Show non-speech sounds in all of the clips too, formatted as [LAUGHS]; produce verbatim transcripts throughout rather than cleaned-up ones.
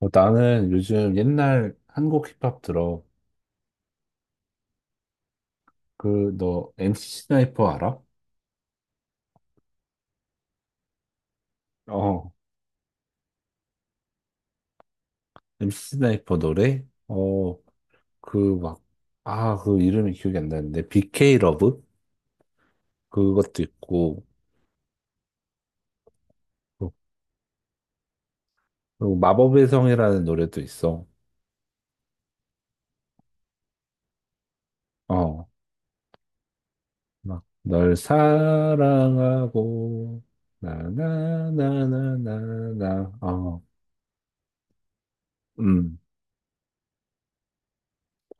어, 나는 요즘 옛날 한국 힙합 들어. 그, 너, 엠씨 스나이퍼 알아? 어. 엠씨 스나이퍼 노래? 어, 그 막, 아, 그 이름이 기억이 안 나는데. 비케이 러브? 그것도 있고, 그리고 마법의 성이라는 노래도 있어. 어, 막, 널 사랑하고, 나나나나나나. 어, 음.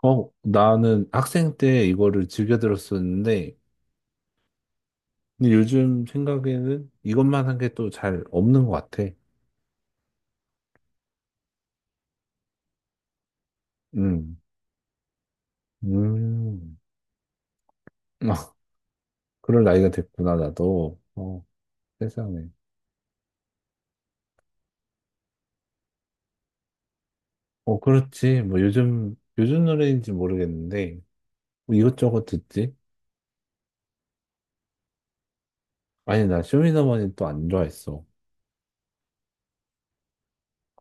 어, 나는 학생 때 이거를 즐겨 들었었는데, 근데 요즘 생각에는 이것만 한 게 또 잘 없는 것 같아. 음, 음, 아, 그럴 나이가 됐구나, 나도. 어, 세상에. 어, 그렇지. 뭐 요즘, 요즘 노래인지 모르겠는데, 뭐 이것저것 듣지? 아니, 나 쇼미더머니 또 안 좋아했어.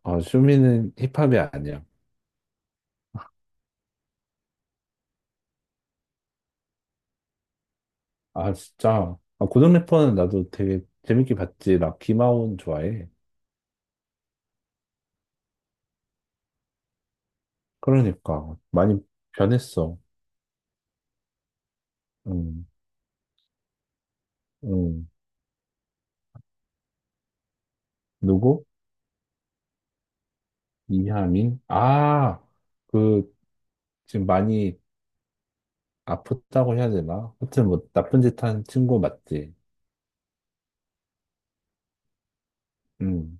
아, 쇼미는 힙합이 아니야. 아, 진짜. 아, 고등 래퍼는 나도 되게 재밌게 봤지. 나 김하온 좋아해. 그러니까. 많이 변했어. 음, 음. 누구? 이하민? 아, 그, 지금 많이 아프다고 해야 되나? 하여튼 뭐, 나쁜 짓 한 친구 맞지? 응,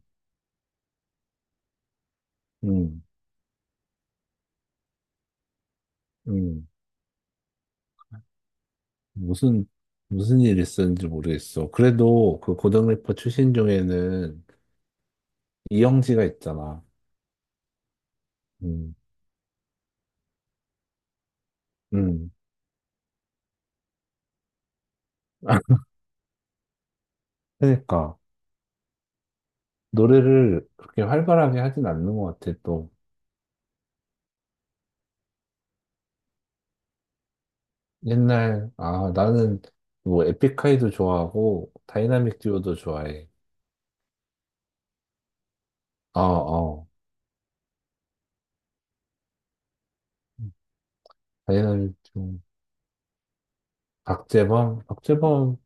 응, 응. 무슨, 무슨 일 있었는지 모르겠어. 그래도 그 고등 래퍼 출신 중에는 이영지가 있잖아. 응, 응. [LAUGHS] 그러니까, 노래를 그렇게 활발하게 하진 않는 것 같아, 또. 옛날, 아, 나는 뭐, 에픽하이도 좋아하고, 다이나믹 듀오도 좋아해. 어, 어. 다이나믹 듀오. 박재범? 박재범은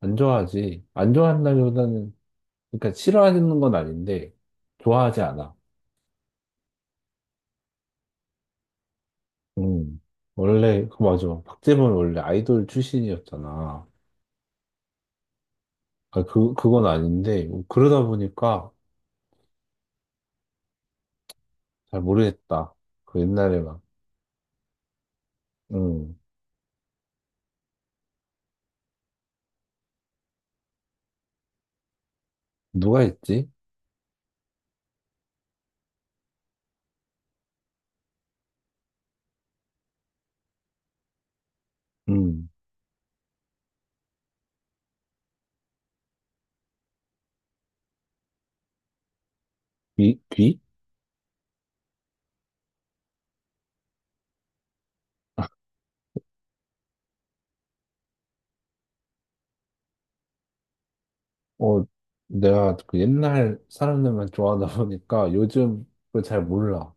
안 좋아하지. 안 좋아한다기보다는, 그러니까 싫어하는 건 아닌데, 좋아하지 않아. 음. 원래, 그 맞아. 박재범이 원래 아이돌 출신이었잖아. 아, 그, 그건 아닌데, 그러다 보니까 잘 모르겠다. 그 옛날에 막, 음. 누가 있지? 음. 귀? 귀? 어, 내가 그 옛날 사람들만 좋아하다 보니까 요즘 그걸 잘 몰라.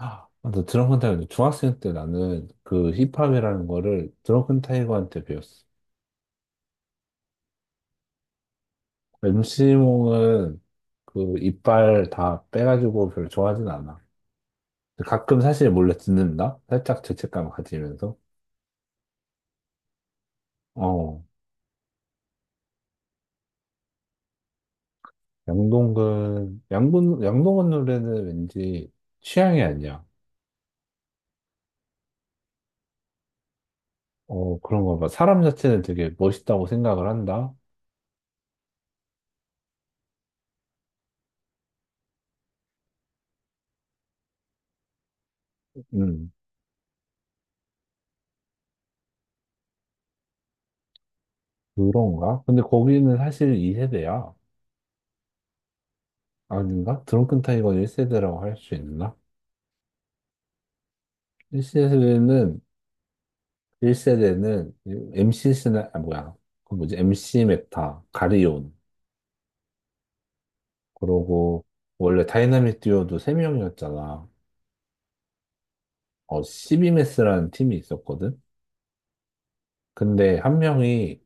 아, 맞아. 드럼 큰 타이거 중학생 때 나는 그 힙합이라는 거를 드럼 큰 타이거한테 배웠어. 엠씨몽은 그 이빨 다 빼가지고 별로 좋아하진 않아. 가끔 사실 몰래 듣는다? 살짝 죄책감 가지면서. 어, 양동근, 양군, 양동근 노래는 왠지 취향이 아니야. 어, 그런가 봐. 사람 자체는 되게 멋있다고 생각을 한다? 음, 그런가? 근데 거기는 사실 이 세대야. 아닌가? 드렁큰 타이거는 일 세대라고 할 수 있나? 일 세대는, 일 세대는 엠씨 스나, 아, 뭐야. 그 뭐지? 엠씨 메타, 가리온. 그러고, 원래 다이나믹 듀오도 세 명이었잖아. 어, 씨비엠에스라는 팀이 있었거든? 근데 한 명이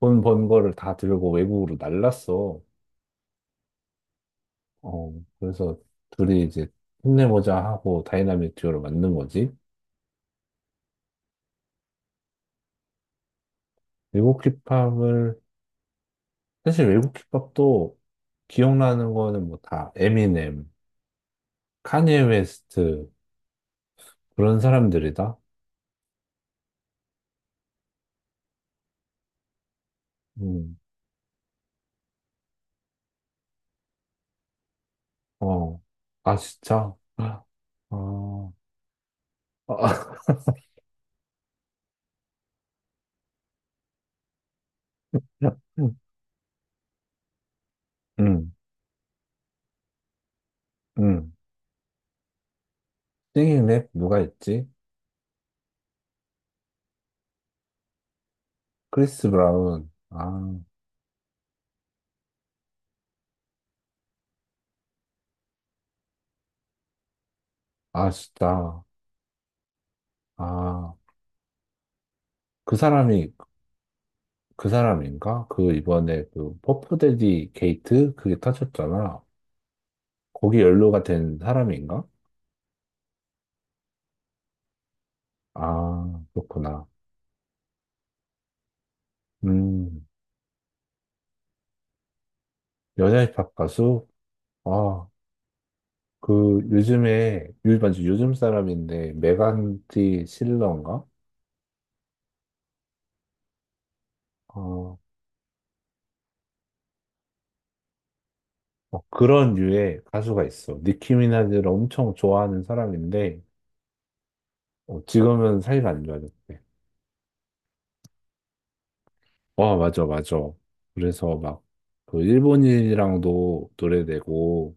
돈 번 거를 다 들고 외국으로 날랐어. 어, 그래서 둘이 이제 힘내보자 하고 다이나믹 듀오를 만든 거지. 외국 힙합을, 사실 외국 힙합도 기억나는 거는 뭐 다 에미넴, 카니에 웨스트, 그런 사람들이다? 음, 어. 아, 진짜? 아, 어. 아, [LAUGHS] 음, 음. 싱잉 랩 누가 있지? 크리스 브라운. 아, 아, 진짜. 아, 그 사람이, 그 사람인가? 그 이번에 그 퍼프데디 게이트? 그게 터졌잖아. 거기 연루가 된 사람인가? 아, 그렇구나. 음, 여자 힙합 가수? 아, 그 요즘에 요 맞지 요즘 사람인데 메간디 실러인가? 어, 어, 그런 류의 가수가 있어. 니키 미나즈를 엄청 좋아하는 사람인데 어, 지금은 사이가 안 좋아졌대. 와 맞아 맞아. 그래서 막 그 일본인이랑도 노래 내고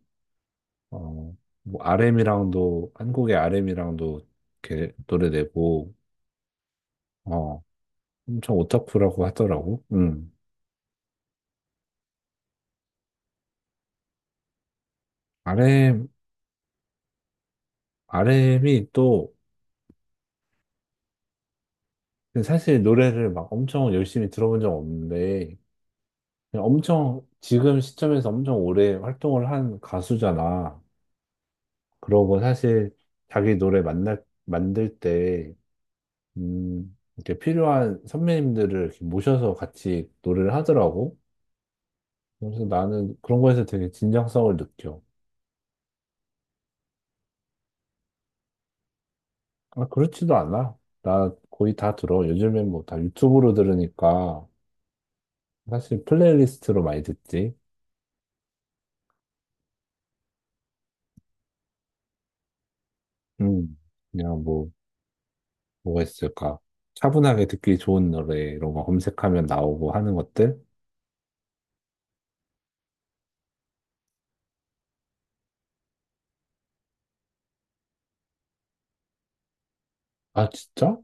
어, 뭐 알엠이랑도 한국의 알엠이랑도 이렇게 노래 내고 어, 엄청 오타쿠라고 하더라고. 음. r 엠 알엠이 또 근데 사실 노래를 막 엄청 열심히 들어본 적 없는데, 그냥 엄청 지금 시점에서 엄청 오래 활동을 한 가수잖아. 그러고 사실 자기 노래 만날, 만들 때, 음, 이렇게 필요한 선배님들을 이렇게 모셔서 같이 노래를 하더라고. 그래서 나는 그런 거에서 되게 진정성을 느껴. 아, 그렇지도 않아. 나 거의 다 들어. 요즘엔 뭐 다 유튜브로 들으니까 사실 플레이리스트로 많이 듣지. 음, 그냥 뭐. 뭐가 있을까? 차분하게 듣기 좋은 노래 이런 거 검색하면 나오고 하는 것들? 아, 진짜?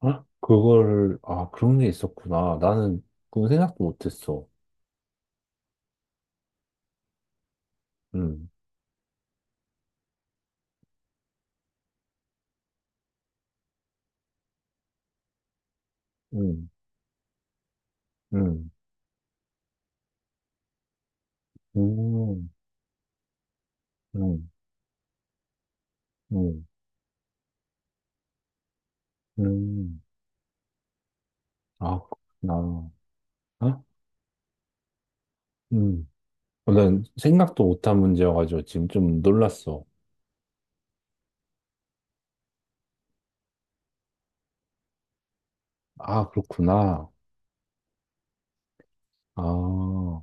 아, 그걸, 아, 그런 게 있었구나. 나는 그건 생각도 못했어. 음, 음, 음, 음, 음, 음, 음. 아, 그렇구나. 아, 음. 어, 난 생각도 못한 문제여가지고 지금 좀 놀랐어. 아, 그렇구나. 아,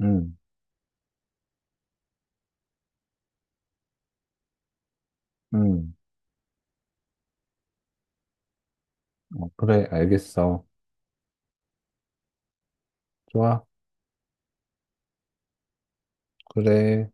음, 음. 어, 그래, 알겠어. 좋아, 그래.